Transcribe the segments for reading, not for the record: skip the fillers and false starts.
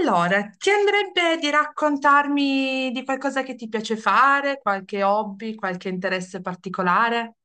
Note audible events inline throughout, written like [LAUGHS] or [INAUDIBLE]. Allora, ti andrebbe di raccontarmi di qualcosa che ti piace fare, qualche hobby, qualche interesse particolare?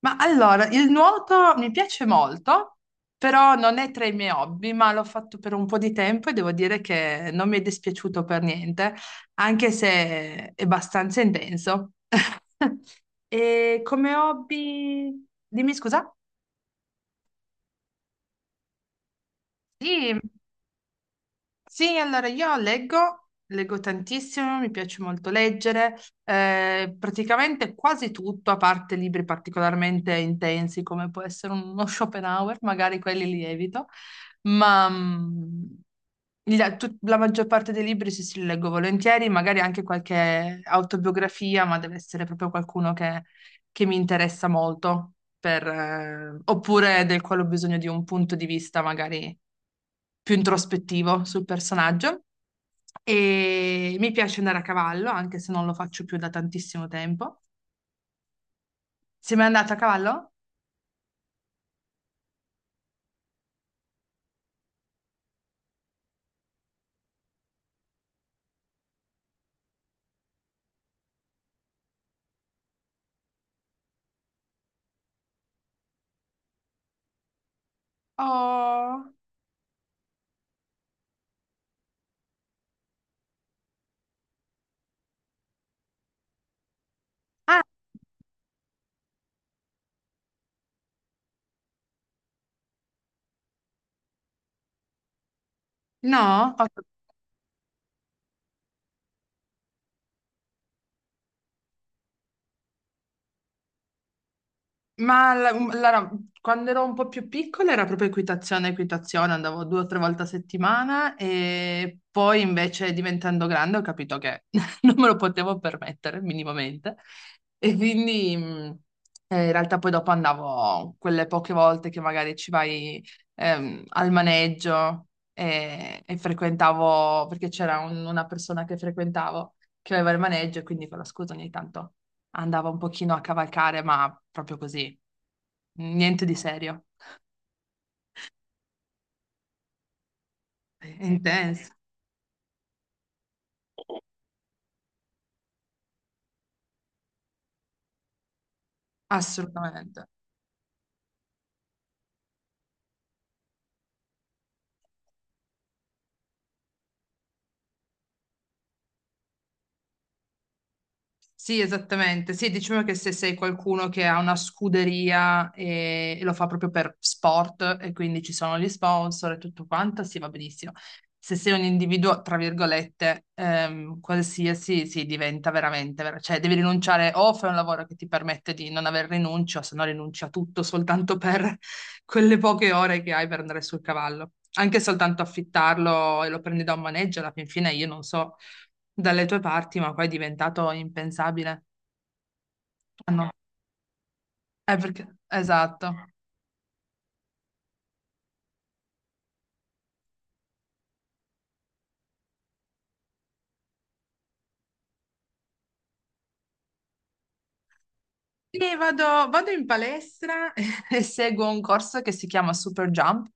Ma allora, il nuoto mi piace molto, però non è tra i miei hobby, ma l'ho fatto per un po' di tempo e devo dire che non mi è dispiaciuto per niente, anche se è abbastanza intenso. [LAUGHS] E come hobby... Dimmi scusa? Sì. Sì, allora io leggo tantissimo, mi piace molto leggere, praticamente quasi tutto, a parte libri particolarmente intensi come può essere uno Schopenhauer, magari quelli li evito, ma la maggior parte dei libri sì, li leggo volentieri, magari anche qualche autobiografia, ma deve essere proprio qualcuno che mi interessa molto, per, oppure del quale ho bisogno di un punto di vista magari più introspettivo sul personaggio. E mi piace andare a cavallo, anche se non lo faccio più da tantissimo tempo. Sei mai andato a cavallo? Oh. Ah, no? Ma allora, quando ero un po' più piccola era proprio equitazione, andavo due o tre volte a settimana e poi invece diventando grande ho capito che [LAUGHS] non me lo potevo permettere minimamente e quindi in realtà poi dopo andavo quelle poche volte che magari ci vai al maneggio e frequentavo, perché c'era una persona che frequentavo che aveva il maneggio e quindi con la scusa ogni tanto andava un pochino a cavalcare, ma proprio così, niente di serio, è intenso, assolutamente. Sì, esattamente. Sì, diciamo che se sei qualcuno che ha una scuderia e lo fa proprio per sport e quindi ci sono gli sponsor e tutto quanto, sì, va benissimo. Se sei un individuo, tra virgolette, qualsiasi, sì, diventa veramente, cioè devi rinunciare o fai un lavoro che ti permette di non aver rinuncio, se no rinunci a tutto soltanto per [LAUGHS] quelle poche ore che hai per andare sul cavallo. Anche soltanto affittarlo e lo prendi da un maneggio, alla fin fine io non so dalle tue parti, ma poi è diventato impensabile. Ah, no. Perché... Esatto. Sì, vado in palestra [LAUGHS] e seguo un corso che si chiama Super Jump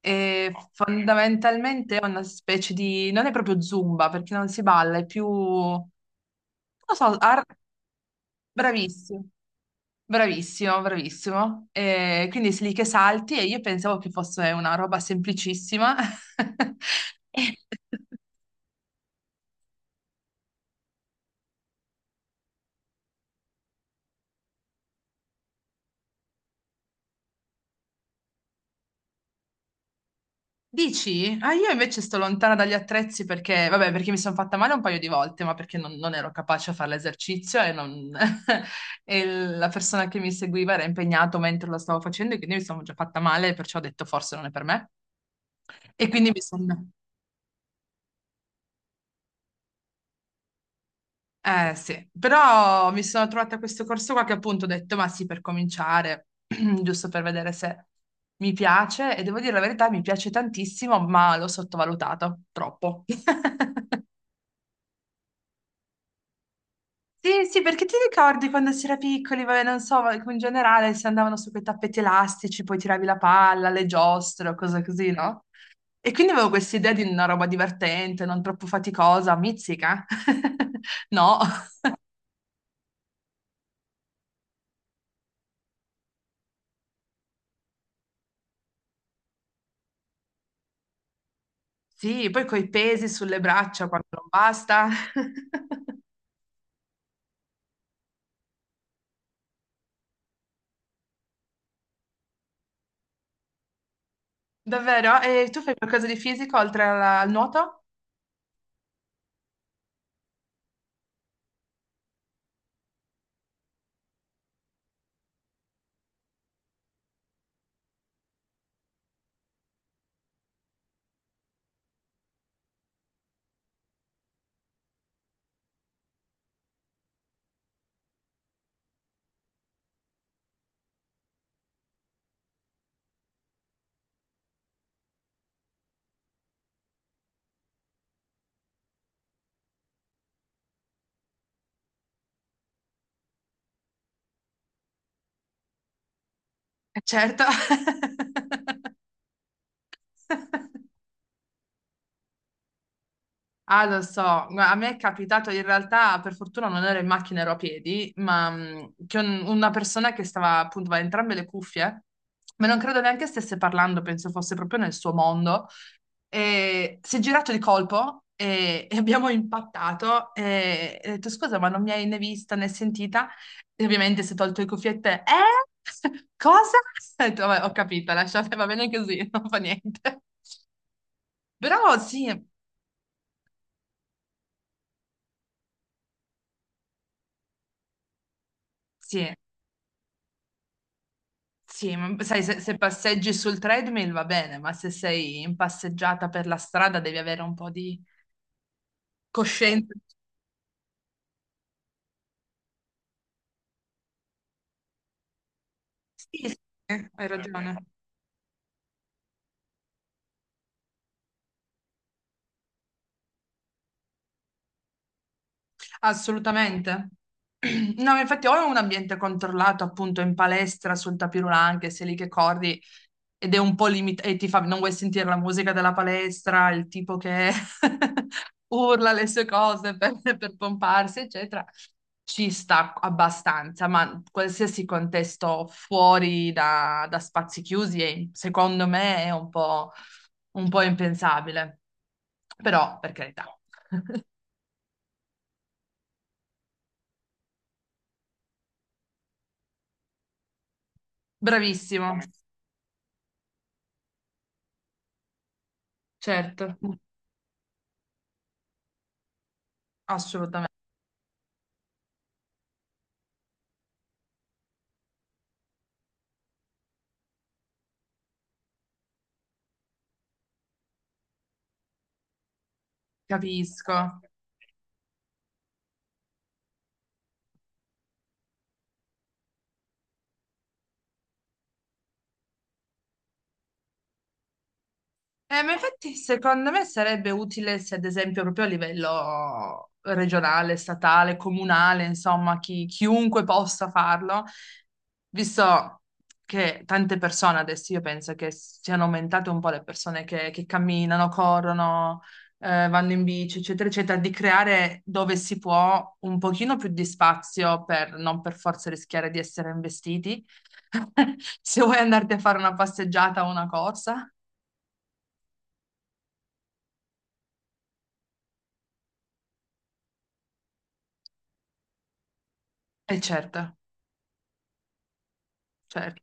e fondamentalmente è una specie di... non è proprio Zumba perché non si balla, è più... non lo so, ar- bravissimo, bravissimo, bravissimo. E quindi sei lì che salti e io pensavo che fosse una roba semplicissima. [LAUGHS] E- Dici? Ah, io invece sto lontana dagli attrezzi perché, vabbè, perché mi sono fatta male un paio di volte, ma perché non ero capace a fare l'esercizio e, non- [LAUGHS] e la persona che mi seguiva era impegnato mentre lo stavo facendo e quindi mi sono già fatta male, perciò ho detto forse non è per me. E quindi mi sono... Eh sì, però mi sono trovata a questo corso qua che appunto ho detto, ma sì, per cominciare, [CLEARS THROAT] giusto per vedere se mi piace e devo dire la verità, mi piace tantissimo, ma l'ho sottovalutato troppo. [LAUGHS] Sì, perché ti ricordi quando si era piccoli, vabbè, non so, ma in generale si andavano su quei tappeti elastici, poi tiravi la palla, le giostre o cose così, no? E quindi avevo questa idea di una roba divertente, non troppo faticosa, mizzica. [LAUGHS] No. Sì, poi coi pesi sulle braccia quando non basta. [LAUGHS] Davvero? E tu fai qualcosa di fisico oltre al nuoto? Certo. [LAUGHS] Ah, lo so, Gua- a me è capitato in realtà, per fortuna non ero in macchina, ero a piedi, ma che una persona che stava appunto aveva entrambe le cuffie, ma non credo neanche stesse parlando, penso fosse proprio nel suo mondo, e si è girato di colpo e abbiamo impattato e ho detto scusa, ma non mi hai né vista né sentita? E ovviamente si è tolto le cuffiette, eh? [LAUGHS] Cosa? Ho detto, "Vabbè, ho capito, lasciate, va bene così, [LAUGHS] non fa niente. Però sì, sì. Sì, ma sai, se passeggi sul treadmill va bene, ma se sei in passeggiata per la strada devi avere un po' di coscienza. Sì, sì, sì, hai ragione. Assolutamente. [CLEARS THROAT] No, ma infatti o è un ambiente controllato appunto in palestra sul tapis roulant che sei lì che corri ed è un po' limitato e ti fa non vuoi sentire la musica della palestra, il tipo che [LAUGHS] urla le sue cose per pomparsi, eccetera. Ci sta abbastanza, ma qualsiasi contesto fuori da spazi chiusi, è- secondo me, è un po' impensabile. Però, per carità, bravissimo. Certo, assolutamente, capisco. Ma infatti secondo me sarebbe utile se ad esempio proprio a livello regionale, statale, comunale, insomma, chiunque possa farlo, visto che tante persone adesso io penso che siano aumentate un po' le persone che camminano, corrono, vanno in bici, eccetera, eccetera, di creare dove si può un pochino più di spazio per non per forza rischiare di essere investiti, [LAUGHS] se vuoi andarti a fare una passeggiata o una corsa, e certo. Certo,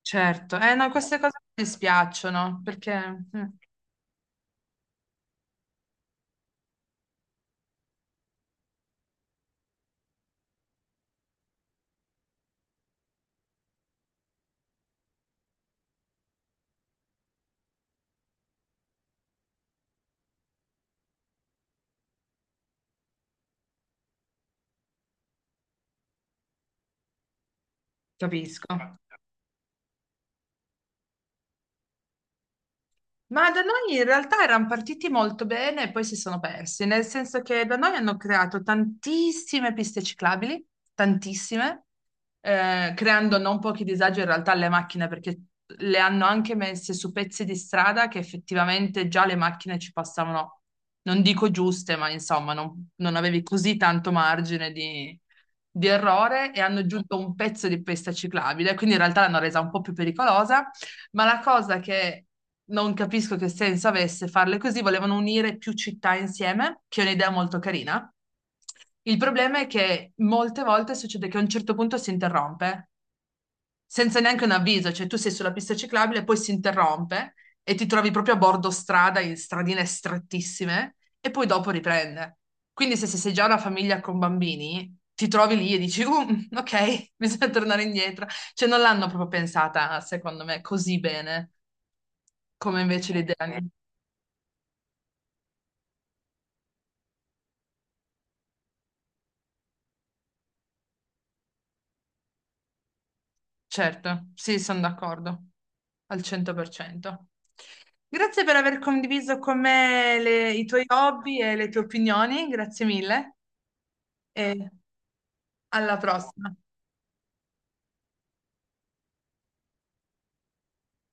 certo. Eh no, queste cose mi dispiacciono perché mm, capisco. Ma da noi in realtà erano partiti molto bene e poi si sono persi, nel senso che da noi hanno creato tantissime piste ciclabili, tantissime, creando non pochi disagi in realtà alle macchine perché le hanno anche messe su pezzi di strada che effettivamente già le macchine ci passavano, non dico giuste, ma insomma non avevi così tanto margine di errore e hanno aggiunto un pezzo di pista ciclabile, quindi in realtà l'hanno resa un po' più pericolosa ma la cosa che non capisco che senso avesse farle così, volevano unire più città insieme, che è un'idea molto carina. Il problema è che molte volte succede che a un certo punto si interrompe senza neanche un avviso, cioè tu sei sulla pista ciclabile, poi si interrompe e ti trovi proprio a bordo strada, in stradine strettissime, e poi dopo riprende. Quindi se sei già una famiglia con bambini, ti trovi lì e dici, mm, ok, [LAUGHS] bisogna tornare indietro. Cioè non l'hanno proprio pensata, secondo me, così bene, come invece l'idea. Certo, sì, sono d'accordo, al 100%. Grazie per aver condiviso con me i tuoi hobby e le tue opinioni, grazie mille. E alla prossima.